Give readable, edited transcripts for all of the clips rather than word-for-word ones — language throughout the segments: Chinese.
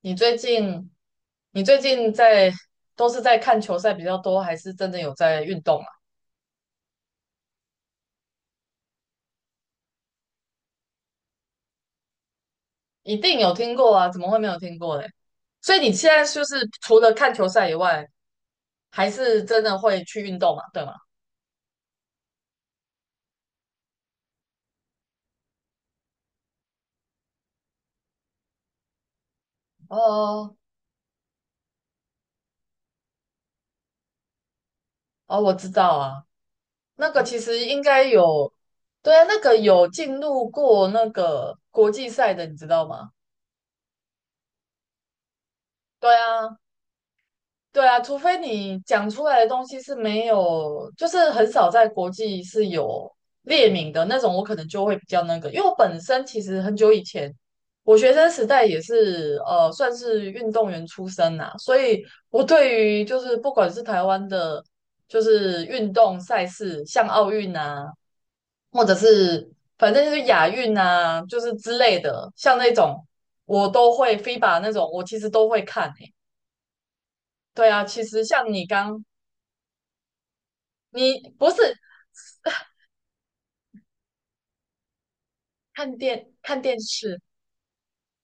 你最近你最近在都是在看球赛比较多，还是真的有在运动啊？一定有听过啊，怎么会没有听过呢？所以你现在就是除了看球赛以外，还是真的会去运动嘛，对吗？哦哦，我知道啊，那个其实应该有，对啊，那个有进入过那个国际赛的，你知道吗？对啊，对啊，除非你讲出来的东西是没有，就是很少在国际是有列名的那种，我可能就会比较那个。因为我本身其实很久以前，我学生时代也是算是运动员出身呐、所以我对于就是不管是台湾的，就是运动赛事，像奥运啊，或者是反正就是亚运啊，就是之类的，像那种我都会 FIBA 那种，我其实都会看诶、对啊，其实像你不是看电看电视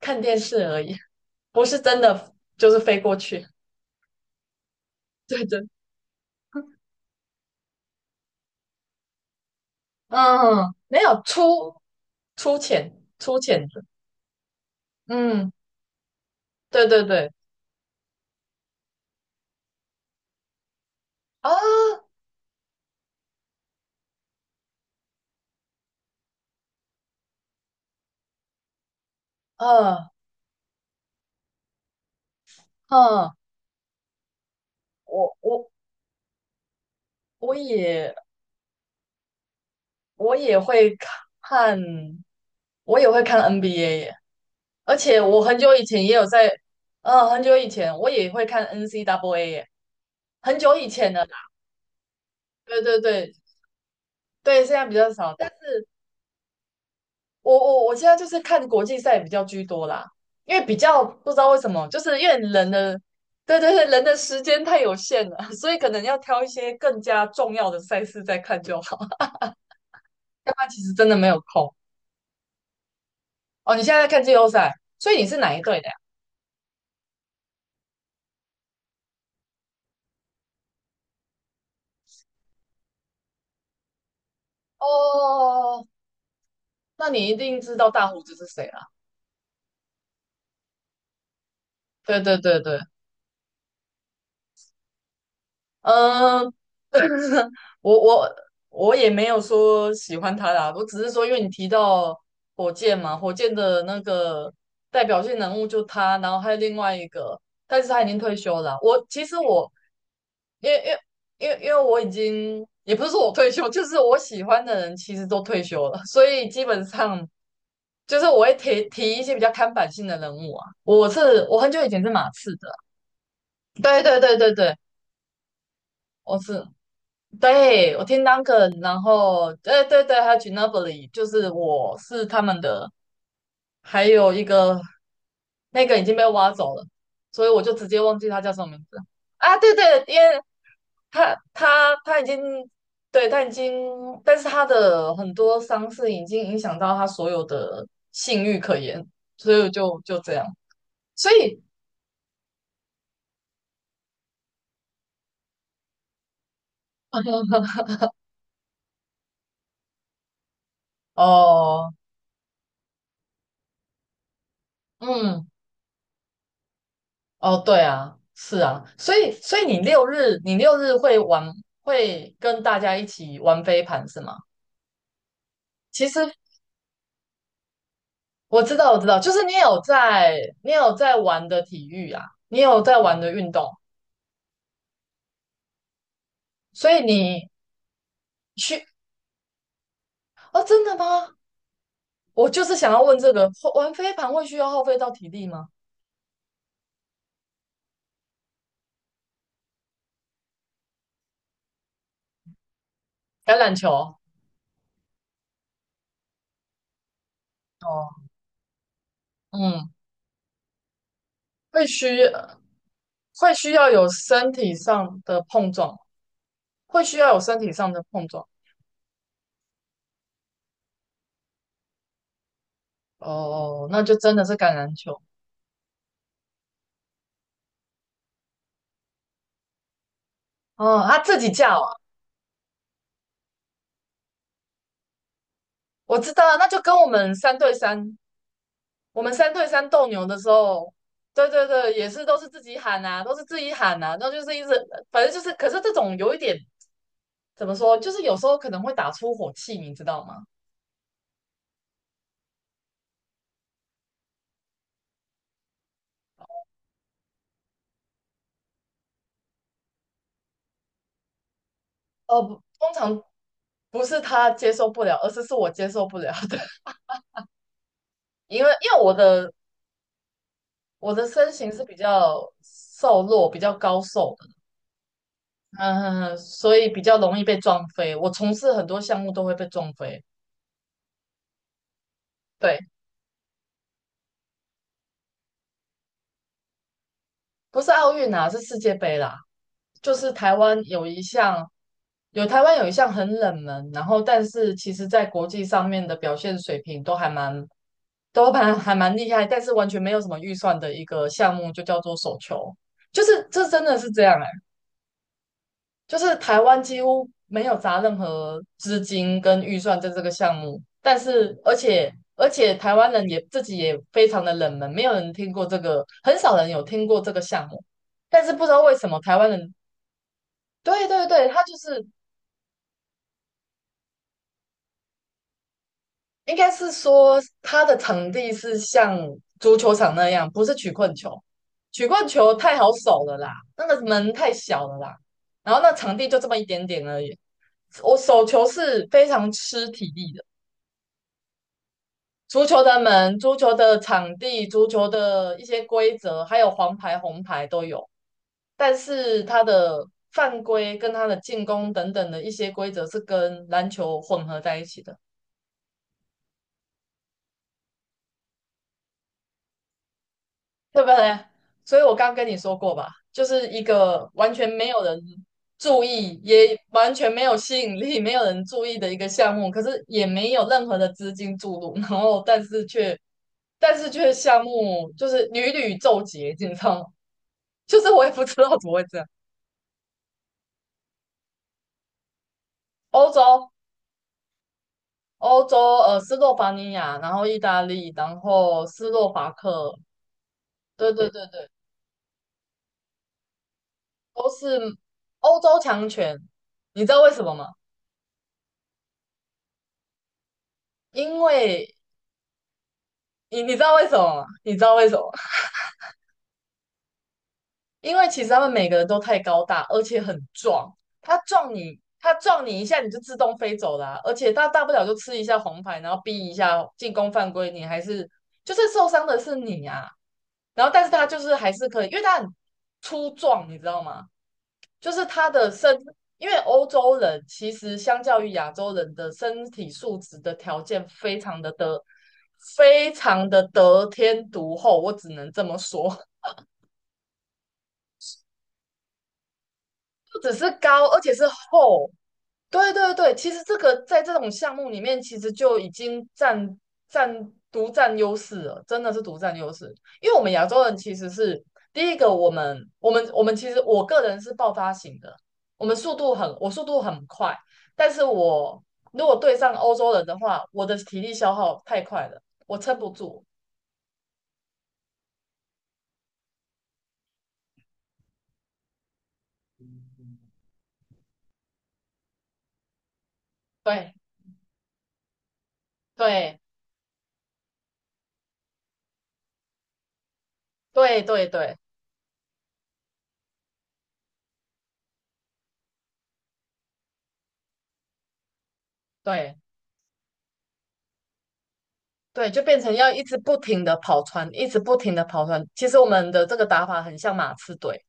看电视而已，不是真的就是飞过去。对对，嗯，没有出钱出钱的，嗯，对对对啊，嗯嗯，我我我也我也会看，我也会看 NBA 耶，而且我很久以前也有在，很久以前我也会看 NCAA 耶，很久以前的啦，对对对对，现在比较少，但是。我现在就是看国际赛比较居多啦，因为比较不知道为什么，就是因为人的，对对对，人的时间太有限了，所以可能要挑一些更加重要的赛事再看就好，要不然其实真的没有空。哦，你现在在看季后赛，所以你是哪一队的呀？哦，那你一定知道大胡子是谁了？对对对对。呃，我我我也没有说喜欢他啦，我只是说，因为你提到火箭嘛，火箭的那个代表性人物就他，然后还有另外一个，但是他已经退休了。我其实我因为因为我已经也不是说我退休，就是我喜欢的人其实都退休了，所以基本上就是我会提一些比较看板性的人物啊。我很久以前是马刺的，对对对对对，我是。对，我听 Duncan，然后对对对，还有 Ginobili，就是我是他们的，还有一个那个已经被挖走了，所以我就直接忘记他叫什么名字啊。对对，因为他他他已经对他已经，但是他的很多伤势已经影响到他所有的性欲可言，所以就这样。所以哦、呃嗯，哦，对啊，是啊，所以你六日会玩，会跟大家一起玩飞盘是吗？其实我知道，我知道，就是你有在玩的体育啊，你有在玩的运动，所以你去哦，真的吗？我就是想要问这个，会玩飞盘会需要耗费到体力吗？橄榄球哦，嗯，会需会需要有身体上的碰撞，会需要有身体上的碰撞。哦，那就真的是橄榄球。哦，他自己叫啊，我知道啊，那就跟我们三对三，斗牛的时候，对对对，也是都是自己喊啊，都是自己喊啊，那就是一直，反正就是，可是这种有一点怎么说，就是有时候可能会打出火气，你知道吗？不通常不是他接受不了，而是我接受不了的，因为我的身形是比较瘦弱、比较高瘦的，嗯所以比较容易被撞飞。我从事很多项目都会被撞飞。对，不是奥运啊，是世界杯啦。就是台湾有一项，台湾有一项很冷门，然后但是其实在国际上面的表现水平都还蛮还蛮厉害，但是完全没有什么预算的一个项目，就叫做手球。就是这真的是这样哎、就是台湾几乎没有砸任何资金跟预算在这个项目，但是而且台湾人也自己也非常的冷门，没有人听过这个，很少人有听过这个项目。但是不知道为什么台湾人，对对对，他就是应该是说他的场地是像足球场那样，不是曲棍球，曲棍球太好守了啦，那个门太小了啦，然后那场地就这么一点点而已。我手球是非常吃体力的。足球的门、足球的场地、足球的一些规则，还有黄牌、红牌都有，但是它的犯规跟它的进攻等等的一些规则是跟篮球混合在一起的，对不对？所以我刚跟你说过吧，就是一个完全没有人注意，也完全没有吸引力、没有人注意的一个项目，可是也没有任何的资金注入，然后但是却。但是却项目就是屡屡奏捷，你知道吗？就是我也不知道怎么会这样。欧洲，欧洲，斯洛伐尼亚，然后意大利，然后斯洛伐克，对对对对，都是欧洲强权。你知道为什么吗？因为你知道为什么吗？你知道为什么吗？ 因为其实他们每个人都太高大，而且很壮。他撞你，他撞你一下，你就自动飞走啦、而且他大不了就吃一下红牌，然后逼一下进攻犯规，你还是就是受伤的是你啊。然后但是他就是还是可以，因为他很粗壮，你知道吗？就是他的身，因为欧洲人其实相较于亚洲人的身体素质的条件非常的得天独厚，我只能这么说。不只是高，而且是厚。对对对，其实这个在这种项目里面，其实就已经独占优势了，真的是独占优势。因为我们亚洲人其实是第一个，我们我们我们其实我个人是爆发型的，我速度很快，但是我如果对上欧洲人的话，我的体力消耗太快了，我撑不住。对对对对对对。对，就变成要一直不停的跑船，一直不停的跑船。其实我们的这个打法很像马刺队，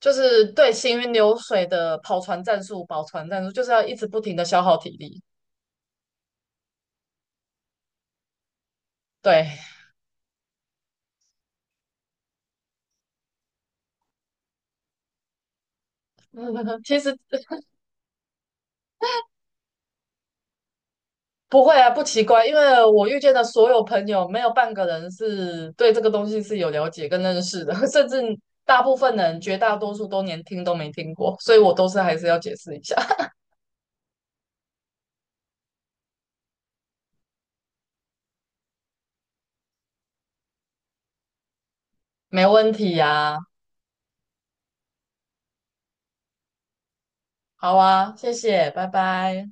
就是对行云流水的跑船战术、跑船战术，就是要一直不停的消耗体力。对，其实不会啊，不奇怪，因为我遇见的所有朋友，没有半个人是对这个东西是有了解跟认识的，甚至大部分人，绝大多数都连听都没听过，所以我都是还是要解释一下，没问题呀、好啊，谢谢，拜拜。